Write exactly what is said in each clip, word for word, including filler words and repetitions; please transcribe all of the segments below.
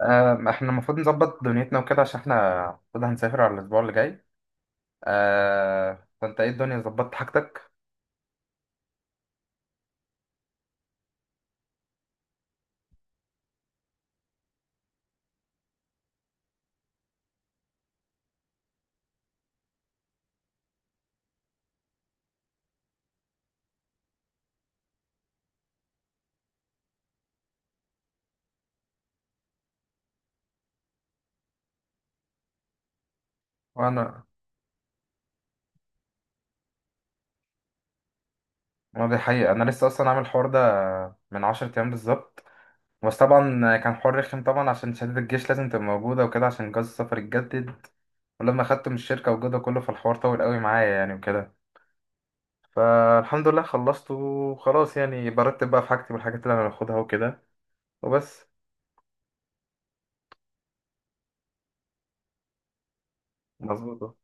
آه، احنا المفروض نظبط دنيتنا وكده عشان احنا المفروض هنسافر على الاسبوع اللي جاي. آه، فانت ايه الدنيا ظبطت حاجتك؟ وانا ما دي حقيقة انا لسه اصلا عامل الحوار ده من عشرة أيام ايام بالظبط. بس طبعا كان حوار رخم طبعا عشان شهادة الجيش لازم تبقى موجودة وكده عشان جواز السفر يتجدد، ولما خدته من الشركة وجوده كله فالحوار طول قوي معايا يعني وكده. فالحمد لله خلصته وخلاص، يعني برتب بقى في حاجتي والحاجات اللي انا هاخدها وكده، وبس. مظبوط.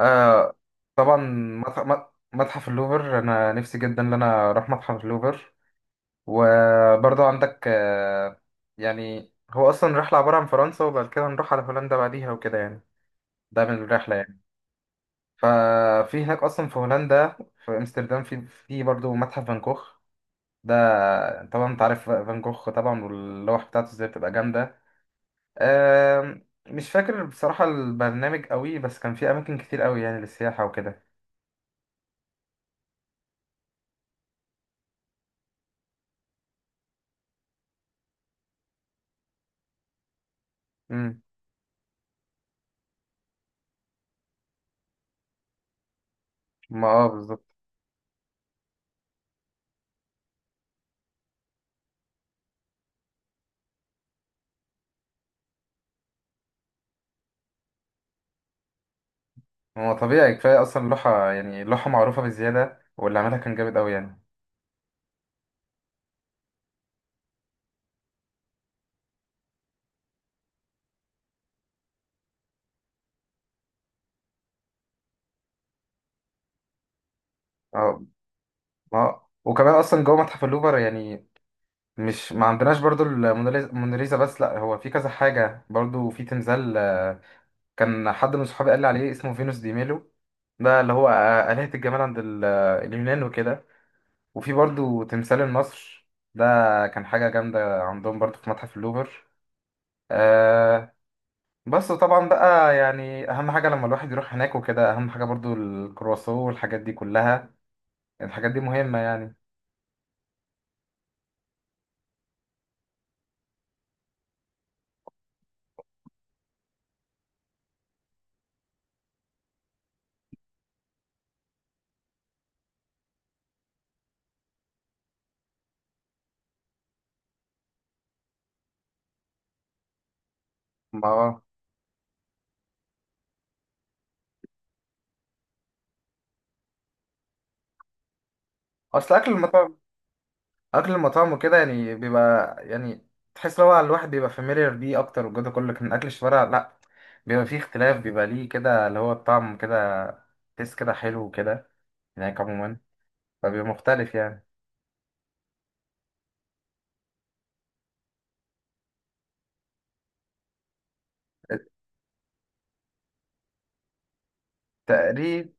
آه، طبعا. متح- مت- متحف اللوفر انا نفسي جدا ان انا اروح متحف اللوفر. وبرضه عندك آه، يعني هو اصلا رحله عباره عن فرنسا وبعد كده نروح على هولندا بعديها وكده يعني، ده من الرحله يعني. ففي هناك اصلا في هولندا، في امستردام، في في برضه متحف فان كوخ ده. طبعا انت عارف فان كوخ طبعا واللوح بتاعته ازاي بتبقى جامده. آه، مش فاكر بصراحه البرنامج قوي، بس كان في اماكن كتير قوي يعني للسياحه وكده. مم. ما اه بالظبط. هو طبيعي كفاية أصلا اللوحة، يعني اللوحة معروفة بزيادة واللي عملها كان جامد أوي يعني. اه، اه. وكمان أصلا جوه متحف اللوفر يعني مش ما عندناش برضو الموناليزا موناليزا بس، لأ هو في كذا حاجة برضو. في تمثال آه، كان حد من صحابي قال لي عليه اسمه فينوس دي ميلو، ده اللي هو آه، آلهة الجمال عند ال- آه، اليونان وكده. وفي برضو تمثال النصر ده، كان حاجة جامدة عندهم برضو في متحف اللوفر. آه، بس طبعا بقى يعني اهم حاجه لما الواحد يروح هناك وكده، اهم حاجه برضو الكرواسون والحاجات دي كلها، الحاجات دي مهمه يعني. ما اصل اكل المطاعم، اكل المطاعم وكده يعني بيبقى يعني تحس ان هو الواحد بيبقى فاميليار بيه اكتر والجو ده كله، لكن اكل الشوارع لا، بيبقى فيه اختلاف، بيبقى ليه كده اللي هو الطعم كده، تحس كده حلو وكده هناك عموما، فبيبقى مختلف يعني. تقريب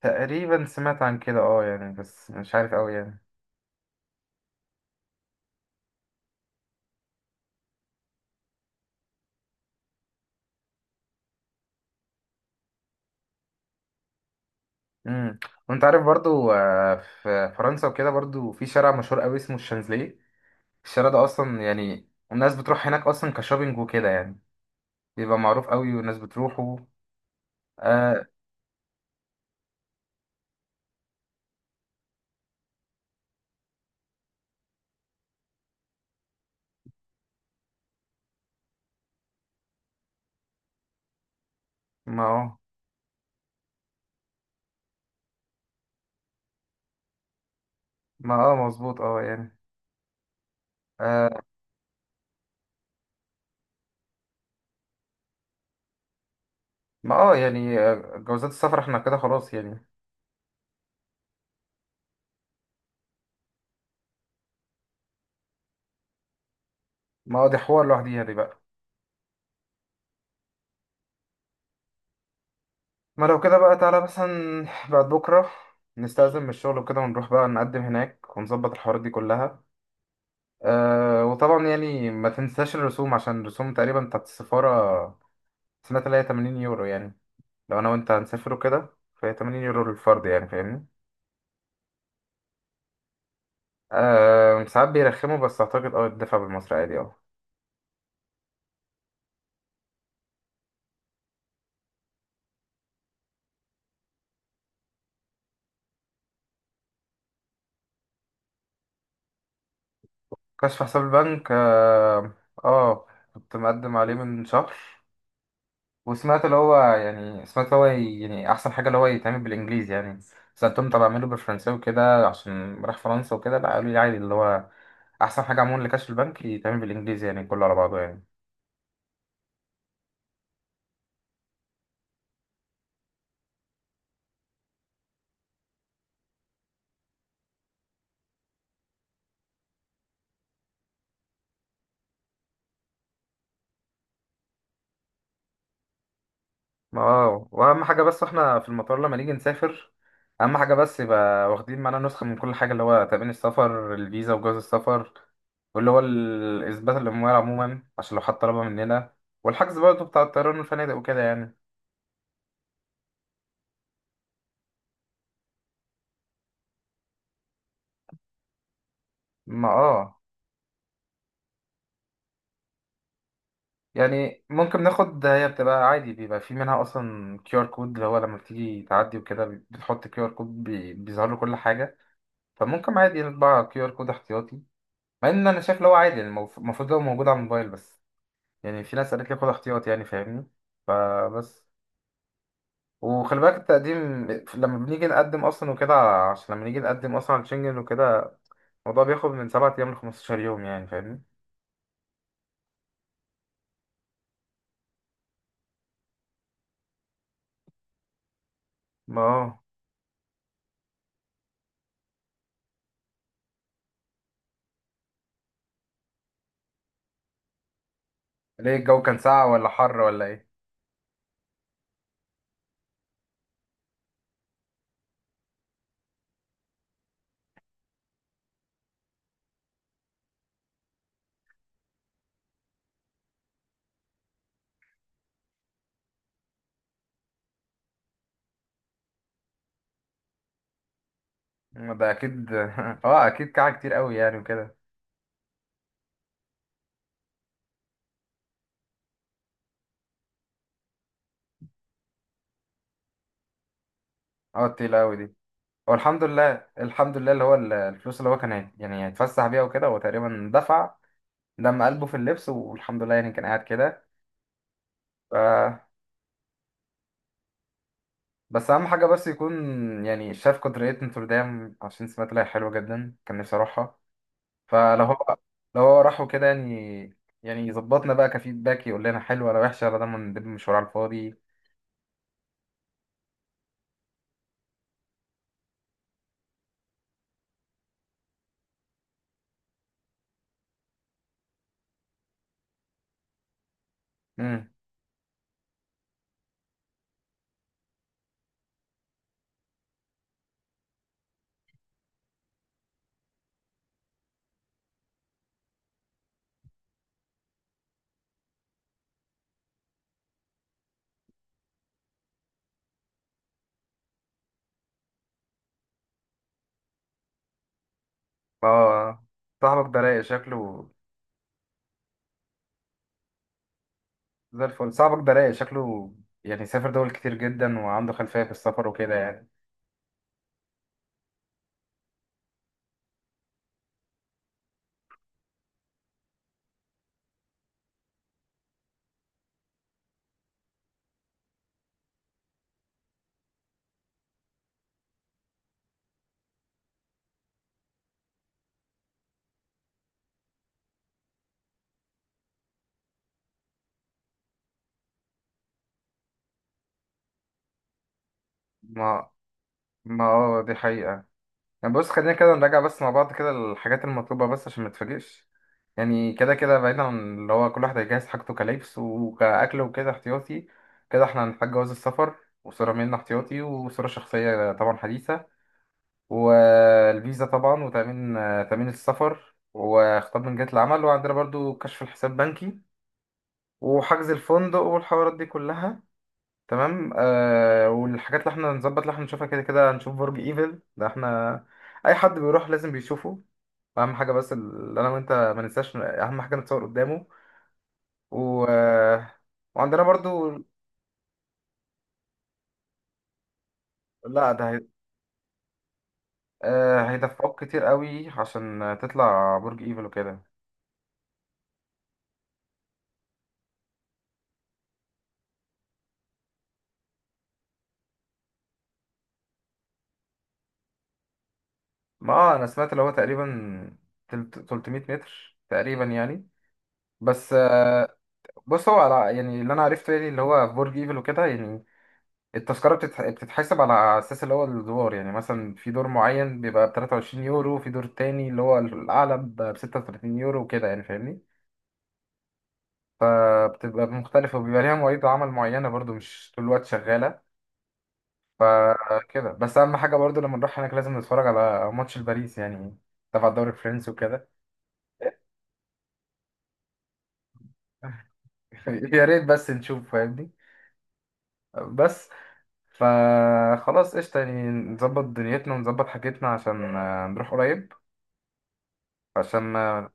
تقريبا سمعت عن كده، اه يعني بس مش عارف قوي يعني. امم. وانت عارف برضو آه، في فرنسا وكده برضو في شارع مشهور قوي اسمه الشانزليه. الشارع ده اصلا يعني الناس بتروح هناك اصلا كشوبينج وكده يعني، بيبقى معروف قوي والناس بتروحه. آه. ما اه. ما اه مظبوط، اه يعني. آه. ما اه يعني آه، جوازات السفر احنا كده خلاص يعني. ما اه دي حوار لوحديها دي بقى. ما لو كده بقى تعالى مثلا بعد بكره نستأذن من الشغل وكده ونروح بقى نقدم هناك ونظبط الحوارات دي كلها. أه، وطبعا يعني ما تنساش الرسوم، عشان الرسوم تقريبا بتاعت السفارة سمعت اللي هي 80 يورو يعني، لو أنا وأنت هنسافروا كده، فهي 80 يورو للفرد يعني فاهمني. أه ساعات بيرخموا، بس أعتقد أه الدفع بالمصري عادي، أه. كشف حساب البنك، أه. آه، كنت مقدم عليه من شهر، وسمعت اللي هو يعني سمعت اللي هو ي- يعني احسن حاجه اللي هو يتعمل بالانجليزي يعني. سالتهم طب اعمله بالفرنساوي وكده عشان راح فرنسا وكده، لا قالوا لي عادي، اللي هو احسن حاجه عموما لكاش البنك يتعمل بالانجليزي يعني كله على بعضه يعني. ما اه، واهم حاجه بس احنا في المطار لما نيجي نسافر، اهم حاجه بس يبقى واخدين معانا نسخه من كل حاجه، اللي هو تأمين السفر، الفيزا، وجواز السفر، واللي هو ال- اثبات الاموال عموما عشان لو حد طلبها مننا، والحجز برضه بتاع الطيران والفنادق وكده يعني. ما اه، يعني ممكن ناخد، هي بتبقى عادي بيبقى في منها اصلا كيو ار كود، اللي هو لما بتيجي تعدي وكده بتحط كيو ار كود بي- بيظهر له كل حاجه. فممكن عادي نطبع كيو ار كود احتياطي، مع ان انا شايف اللي هو عادي يعني المف- المفروض هو موجود على الموبايل، بس يعني في ناس قالت لي خد احتياطي يعني فاهمني. فبس، وخلي بالك التقديم لما بنيجي نقدم اصلا وكده، عشان لما نيجي نقدم اصلا على شنجن وكده الموضوع بياخد من سبع أيام ايام ل 15 يوم يعني فاهمني. ما اه. ليه الجو كان ساقع ولا حر ولا ايه؟ ما ده اكيد اه اكيد كعه كتير قوي يعني وكده. اه تقيلة قوي دي. هو الحمد لله، الحمد لله اللي هو ال- الفلوس اللي هو كان هي- يعني هيتفسح بيها وكده، هو تقريبا دفع دم قلبه في اللبس، والحمد لله يعني كان قاعد كده. ف... بس اهم حاجه بس يكون يعني شاف قدرية نوتردام، عشان سمعت لها حلوه جدا، كان نفسي اروحها. فلو هو، لو هو راح وكده يعني، يعني يظبطنا بقى كفيدباك، يقول لنا حلوه ولا وحشه، ولا ده من ده مشوار على الفاضي. امم. اه. صاحبك ده رايق شكله، زي الفل. صاحبك ده رايق شكله، يعني سافر دول كتير جدا وعنده خلفية في السفر وكده يعني. ما، ما اه دي حقيقة. يعني بص خلينا كده نراجع بس مع بعض كده الحاجات المطلوبة بس عشان ما تتفاجئش، يعني كده كده بعيدا عن اللي هو كل واحد هيجهز حاجته كلبس وكأكل وكده احتياطي. كده احنا هنحتاج جواز السفر، وصورة ميلنا احتياطي، وصورة شخصية طبعا حديثة، والفيزا طبعا، وتأمين آه، تأمين السفر، وخطاب من جهة العمل، وعندنا برضو كشف الحساب بنكي، وحجز الفندق والحوارات دي كلها، تمام. آه، والحاجات اللي احنا نظبط اللي احنا نشوفها، كده كده هنشوف برج ايفل ده، احنا اي حد بيروح لازم بيشوفه، اهم حاجه بس اللي انا وانت ما ننساش اهم حاجه نتصور قدامه. و... آه، وعندنا برضو لا ده هي... آه هيدفعوك كتير قوي عشان تطلع برج ايفل وكده. ما آه، انا سمعت اللي هو تقريبا تلت- 300 متر تقريبا يعني. بس آه، بص هو على يعني اللي انا عرفته يعني اللي هو في برج ايفل وكده يعني التذكرة بتتح... بتتحسب على أساس اللي هو الدولار، يعني مثلا في دور معين بيبقى بتلاتة وعشرين يورو، في دور تاني اللي هو الأعلى بستة وتلاتين يورو وكده يعني فاهمني. فبتبقى مختلفة، وبيبقى ليها مواعيد عمل معينة برضو، مش طول الوقت شغالة. فكده بس، أهم حاجة برضو لما نروح هناك لازم نتفرج على ماتش الباريس يعني، تبع الدوري الفرنسي وكده. يا ريت بس نشوف فاهمني. بس، فخلاص قشطة، يعني نظبط دنيتنا ونظبط حاجتنا عشان آه، نروح قريب. عشان ما.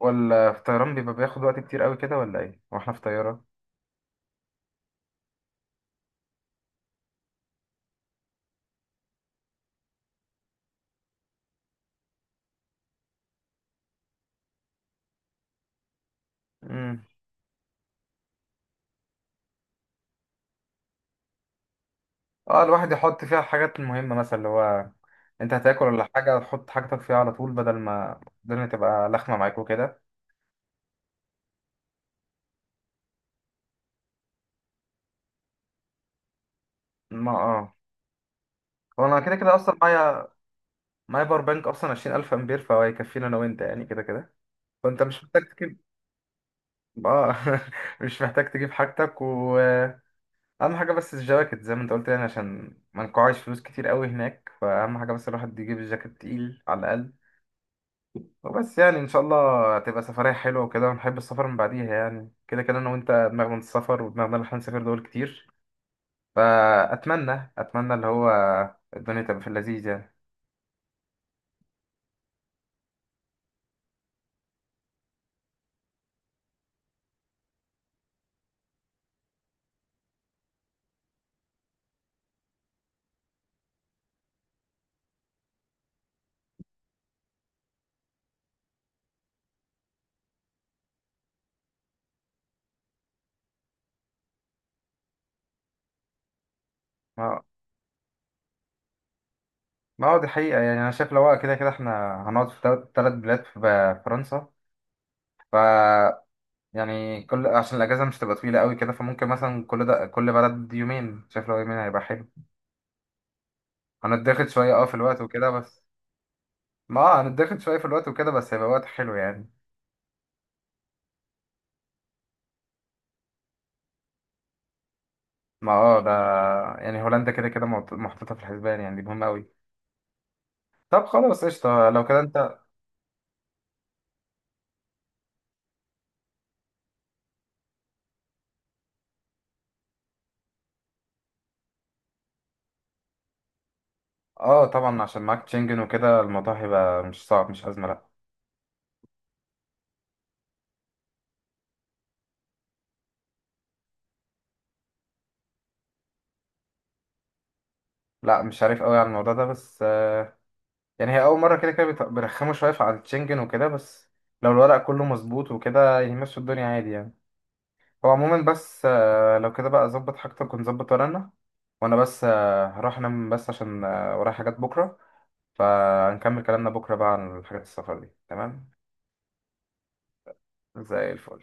ولا في طيران بيبقى بياخد وقت كتير قوي كده ولا ايه واحنا في طيارة؟ امم. اه الواحد يحط فيها الحاجات المهمة، مثلا اللي هو انت هتاكل ولا حاجة تحط حاجتك فيها على طول، بدل ما الدنيا تبقى لخمة معاك وكده. ما اه. هو انا كده كده اصلا معايا، معايا باور بانك اصلا عشرين ألف امبير، فهو هيكفينا انا وانت يعني كده كده، فانت مش محتاج تجيب. اه. مش محتاج تجيب حاجتك، واهم حاجة بس الجواكت زي ما انت قلت يعني عشان ما نقعش فلوس كتير قوي هناك، فاهم؟ حاجة بس الواحد يجيب الجاكيت تقيل على الاقل، وبس. يعني ان شاء الله هتبقى سفرية حلوة وكده، ونحب السفر من بعديها، يعني كده كده انا وانت دماغنا السفر ودماغنا اللي احنا نسافر دول كتير. فاتمنى، اتمنى اللي هو الدنيا تبقى في اللذيذ يعني. ما، ما هو دي حقيقة. يعني انا شايف لو هو كده كده احنا هنقعد في تلات تلات بلاد في ب- فرنسا، ف يعني كل، عشان الاجازة مش تبقى طويلة قوي كده، فممكن مثلا كل ده كل بلد يومين، شايف لو يومين هيبقى حلو. هنتضغط شوية اه في الوقت وكده بس. ما آه، هنتضغط شوية في الوقت وكده بس هيبقى وقت حلو يعني. ما اه ده، يعني هولندا كده كده محط- محطوطة في الحسبان يعني، دي مهمة أوي. طب خلاص قشطة لو كده أنت. اه طبعا عشان معاك تشنجن وكده الموضوع هيبقى مش صعب، مش أزمة، لأ. لأ مش عارف أوي على الموضوع ده، بس آه، يعني هي أول مرة، كده كده بيت- بيرخموا شوية في- على التشنجن وكده، بس لو الورق كله مظبوط وكده يمشوا الدنيا عادي يعني. هو عموما بس آه، لو كده بقى أظبط حاجتك ونظبط ورقنا. وأنا بس آه، هروح أنام بس عشان آه، ورايا حاجات بكرة، فهنكمل كلامنا بكرة بقى عن حاجات السفر دي، تمام. زي الفل.